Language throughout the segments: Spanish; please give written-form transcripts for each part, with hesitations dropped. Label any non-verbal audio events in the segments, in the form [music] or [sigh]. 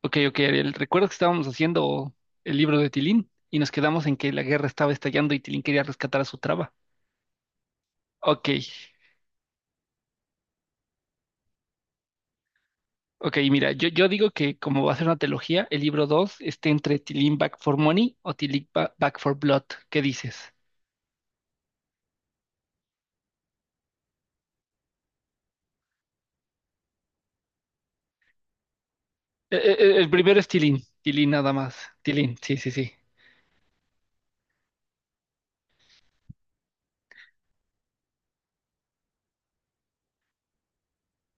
Ok, ok, Ariel. Recuerdo que estábamos haciendo el libro de Tilín y nos quedamos en que la guerra estaba estallando y Tilín quería rescatar a su traba. Ok, ok, mira, yo digo que como va a ser una trilogía, el libro 2 esté entre Tilín Back for Money o Back for Blood. ¿Qué dices? El primero es Tilín, Tilín nada más. Tilín, sí, sí, sí.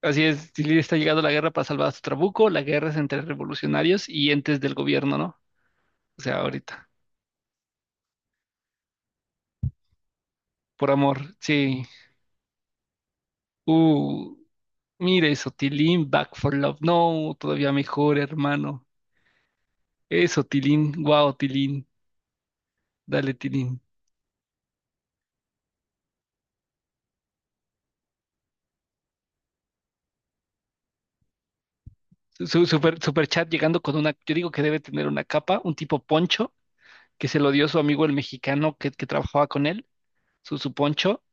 Así es, Tilín está llegando a la guerra para salvar a su trabuco. La guerra es entre revolucionarios y entes del gobierno, ¿no? O sea, ahorita. Por amor, sí. Uh. Mira eso, Tilín, Back for Love. No, todavía mejor, hermano. Eso, Tilín, wow, Tilín. Dale, Tilín. Su, super, super chat llegando con una, yo digo que debe tener una capa, un tipo poncho, que se lo dio su amigo el mexicano que trabajaba con él, su poncho,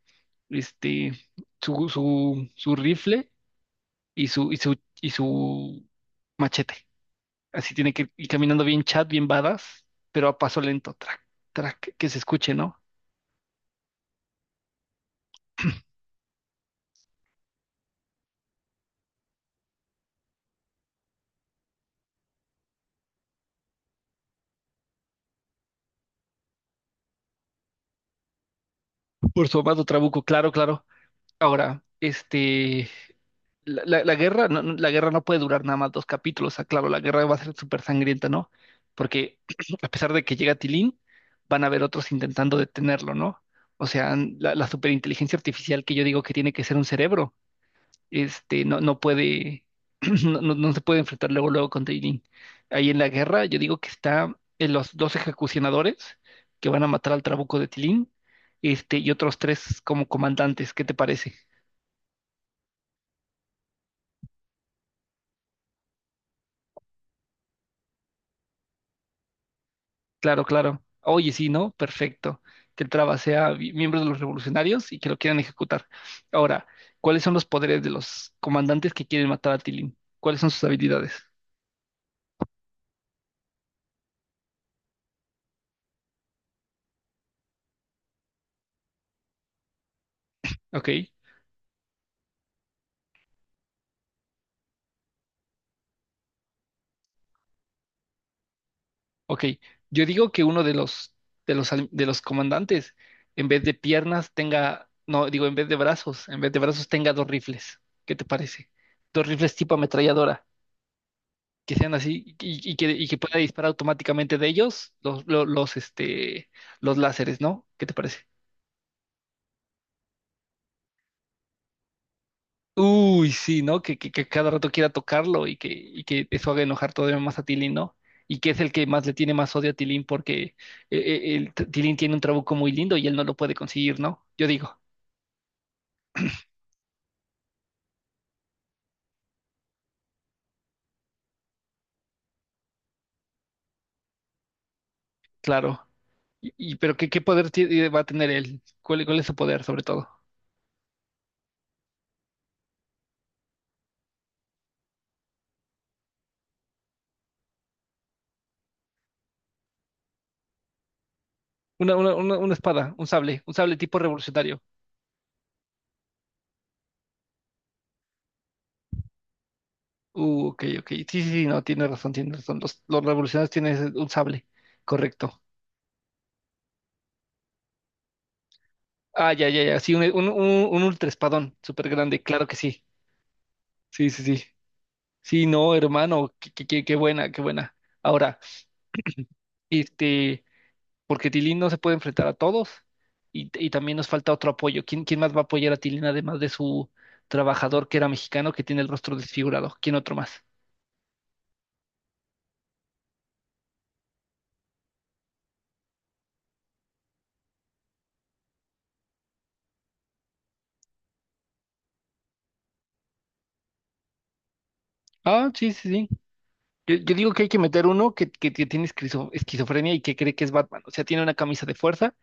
este, su rifle y su machete. Así tiene que ir caminando bien chat, bien badass, pero a paso lento, track, track, que se escuche, ¿no? Por su amado Trabuco, claro, claro. Ahora, la guerra, no, no, la guerra no puede durar nada más dos capítulos. Ah, claro, la guerra va a ser súper sangrienta, ¿no? Porque [clears throat] a pesar de que llega Tilín, van a haber otros intentando detenerlo, ¿no? O sea, la, la superinteligencia artificial que yo digo que tiene que ser un cerebro, no, no puede, [clears throat] no, no se puede enfrentar luego, luego con Tilín. Ahí en la guerra, yo digo que está en los dos ejecucionadores que van a matar al trabuco de Tilín, y otros tres como comandantes. ¿Qué te parece? Claro, claro. Oye, sí, ¿no? Perfecto. Que el Traba sea miembro de los revolucionarios y que lo quieran ejecutar. Ahora, ¿cuáles son los poderes de los comandantes que quieren matar a Tilín? ¿Cuáles son sus habilidades? Ok, ok. Yo digo que uno de los, de los comandantes, en vez de piernas, tenga, no, digo, en vez de brazos, en vez de brazos tenga dos rifles. ¿Qué te parece? Dos rifles tipo ametralladora, que sean así y, y que pueda disparar automáticamente de ellos los, los, los láseres, ¿no? ¿Qué te parece? Uy, sí, ¿no? Que, que cada rato quiera tocarlo y que eso haga enojar todavía más a Tilín, ¿no? Y que es el que más le tiene más odio a Tilín porque el Tilín tiene un trabuco muy lindo y él no lo puede conseguir, ¿no? Yo digo, claro. Pero ¿qué, qué poder va a tener él? ¿Cuál, cuál es su poder, sobre todo? Una espada, un sable tipo revolucionario. Ok, ok. Sí, sí, sí, no, tiene razón, tiene razón. Los revolucionarios tienen un sable, correcto. Ah, ya, ya, ya. Sí, un ultraespadón súper grande, claro que sí. Sí, sí, sí. Sí, no, hermano, qué, qué, qué buena, qué buena. Ahora, este, porque Tilín no se puede enfrentar a todos y también nos falta otro apoyo. ¿Quién, quién más va a apoyar a Tilín además de su trabajador que era mexicano que tiene el rostro desfigurado? ¿Quién otro más? Ah, sí, sí, sí. Yo digo que hay que meter uno que, que tiene esquizofrenia y que cree que es Batman. O sea, tiene una camisa de fuerza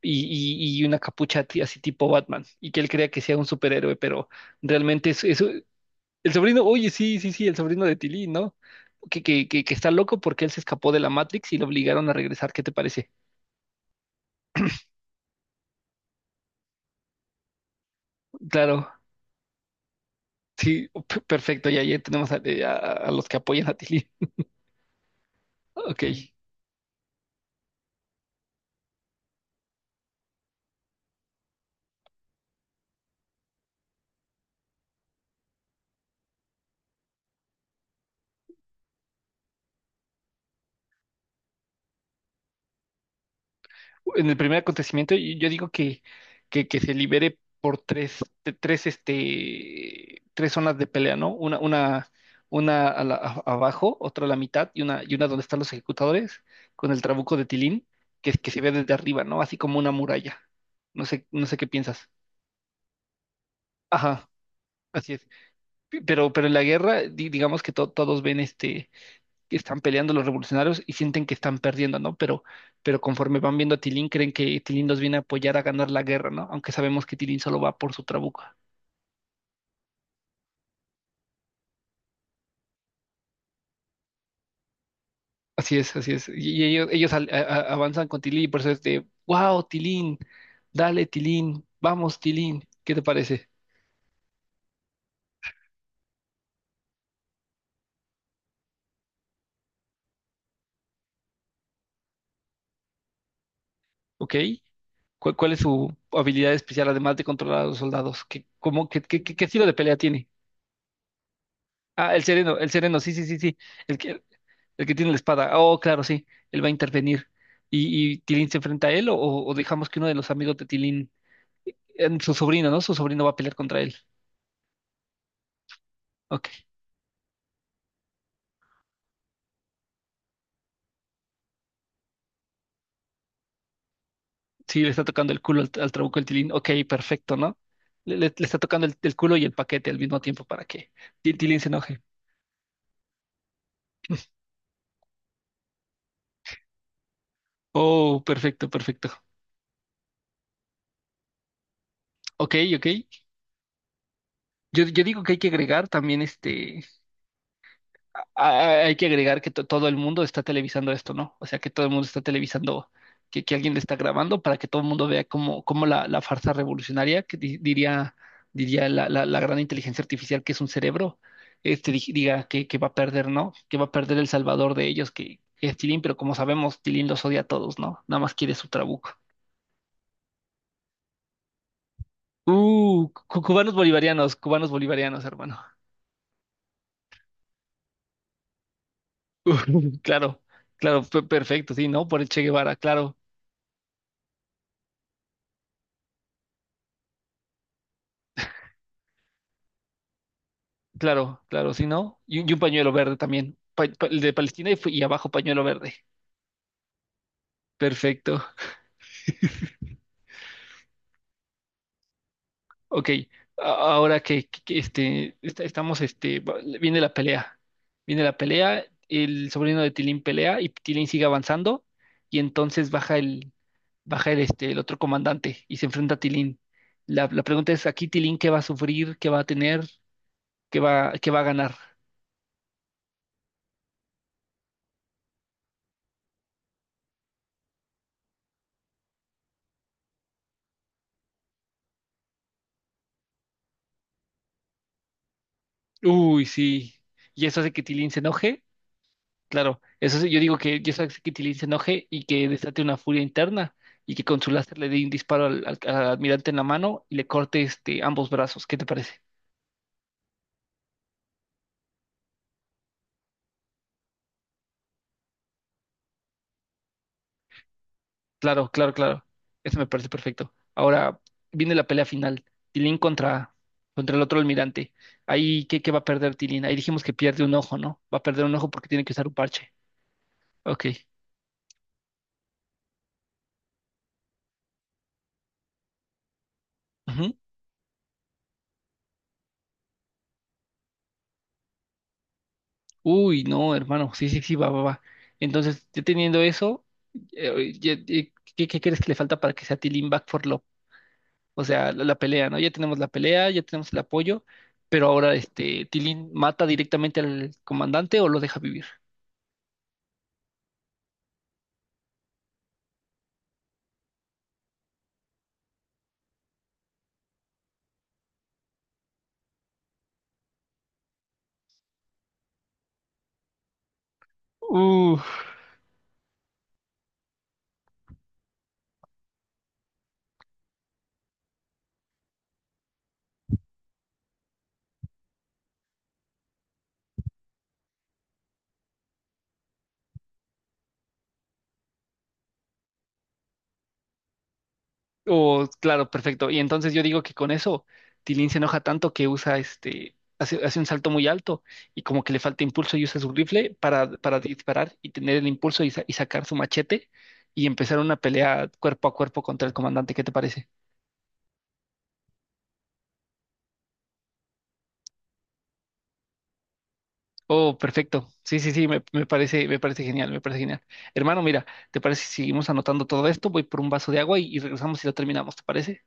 y, y una capucha así tipo Batman. Y que él crea que sea un superhéroe, pero realmente es- El sobrino, oye, sí, sí, sí, el sobrino de Tilly, ¿no? Que, que está loco porque él se escapó de la Matrix y lo obligaron a regresar. ¿Qué te parece? Claro, sí, perfecto. Ya, ya tenemos a, a los que apoyan a Tilly. Ok. En el primer acontecimiento, y yo digo que se libere por tres, tres, tres zonas de pelea, ¿no? Una a abajo, otra a la mitad y una donde están los ejecutadores con el trabuco de Tilín, que se ve desde arriba, ¿no? Así como una muralla. No sé, no sé qué piensas. Ajá, así es. Pero en la guerra, digamos que todos ven que están peleando los revolucionarios y sienten que están perdiendo, ¿no? Pero conforme van viendo a Tilín, creen que Tilín los viene a apoyar a ganar la guerra, ¿no? Aunque sabemos que Tilín solo va por su trabuco. Así es, así es. Y ellos, ellos avanzan con Tilín y por eso es de, wow, Tilín, dale, Tilín, vamos, Tilín, ¿qué te parece? ¿Ok? ¿Cuál, cuál es su habilidad especial, además de controlar a los soldados? ¿Qué, cómo, qué, qué, qué estilo de pelea tiene? Ah, el sereno, sí, sí, sí, sí. El que, El que tiene la espada. Oh, claro, sí. Él va a intervenir. Y Tilín se enfrenta a él o dejamos que uno de los amigos de Tilín, su sobrino, ¿no? Su sobrino va a pelear contra él. Ok. Sí, le está tocando el culo al, al trabuco el Tilín. Ok, perfecto, ¿no? Le, le está tocando el culo y el paquete al mismo tiempo para que Tilín se enoje. Oh, perfecto, perfecto. Ok, ok. Yo digo que hay que agregar también Hay que agregar que todo el mundo está televisando esto, ¿no? O sea, que todo el mundo está televisando, que alguien le está grabando para que todo el mundo vea cómo, cómo la, la farsa revolucionaria, que diría, diría la, la gran inteligencia artificial que es un cerebro, diga que va a perder, ¿no? Que va a perder el salvador de ellos, que es Tilín, pero como sabemos, Tilín los odia a todos, ¿no? Nada más quiere su trabuco. Cubanos bolivarianos, hermano. [laughs] Claro, claro, perfecto, sí, ¿no? Por el Che Guevara, claro. Claro, claro, si no. Y un pañuelo verde también. El de Palestina y, y abajo pañuelo verde. Perfecto. Ok. a- Ahora que, que, estamos, viene la pelea. Viene la pelea. El sobrino de Tilín pelea y Tilín sigue avanzando. Y entonces baja el, el otro comandante y se enfrenta a Tilín. La pregunta es, aquí Tilín, ¿qué va a sufrir? ¿Qué va a tener? Qué va a ganar? Uy, sí. Y eso hace que Tilín se enoje. Claro, eso sí, yo digo que yo sé que Tilín se enoje y que desate una furia interna y que con su láser le dé un disparo al, al almirante en la mano y le corte ambos brazos. ¿Qué te parece? Claro, claro, claro. Eso me parece perfecto. Ahora viene la pelea final. Tilín contra, contra el otro almirante. Ahí, ¿qué, qué va a perder Tilín? Ahí dijimos que pierde un ojo, ¿no? Va a perder un ojo porque tiene que usar un parche. Ok. Uy, no, hermano, sí, sí, sí, va, va, va. Entonces, ya teniendo eso, ¿qué, qué crees que le falta para que sea Tilín Back for Love? O sea, la pelea, ¿no? Ya tenemos la pelea, ya tenemos el apoyo, pero ahora Tilín mata directamente al comandante o lo deja vivir. Uf. Oh, claro, perfecto. Y entonces yo digo que con eso Tilín se enoja tanto que usa hace, hace un salto muy alto y como que le falta impulso y usa su rifle para disparar y tener el impulso y, y sacar su machete y empezar una pelea cuerpo a cuerpo contra el comandante. ¿Qué te parece? Oh, perfecto. Sí, sí, sí, me, me parece genial, me parece genial. Hermano, mira, ¿te parece si seguimos anotando todo esto? Voy por un vaso de agua y regresamos y lo terminamos, ¿te parece?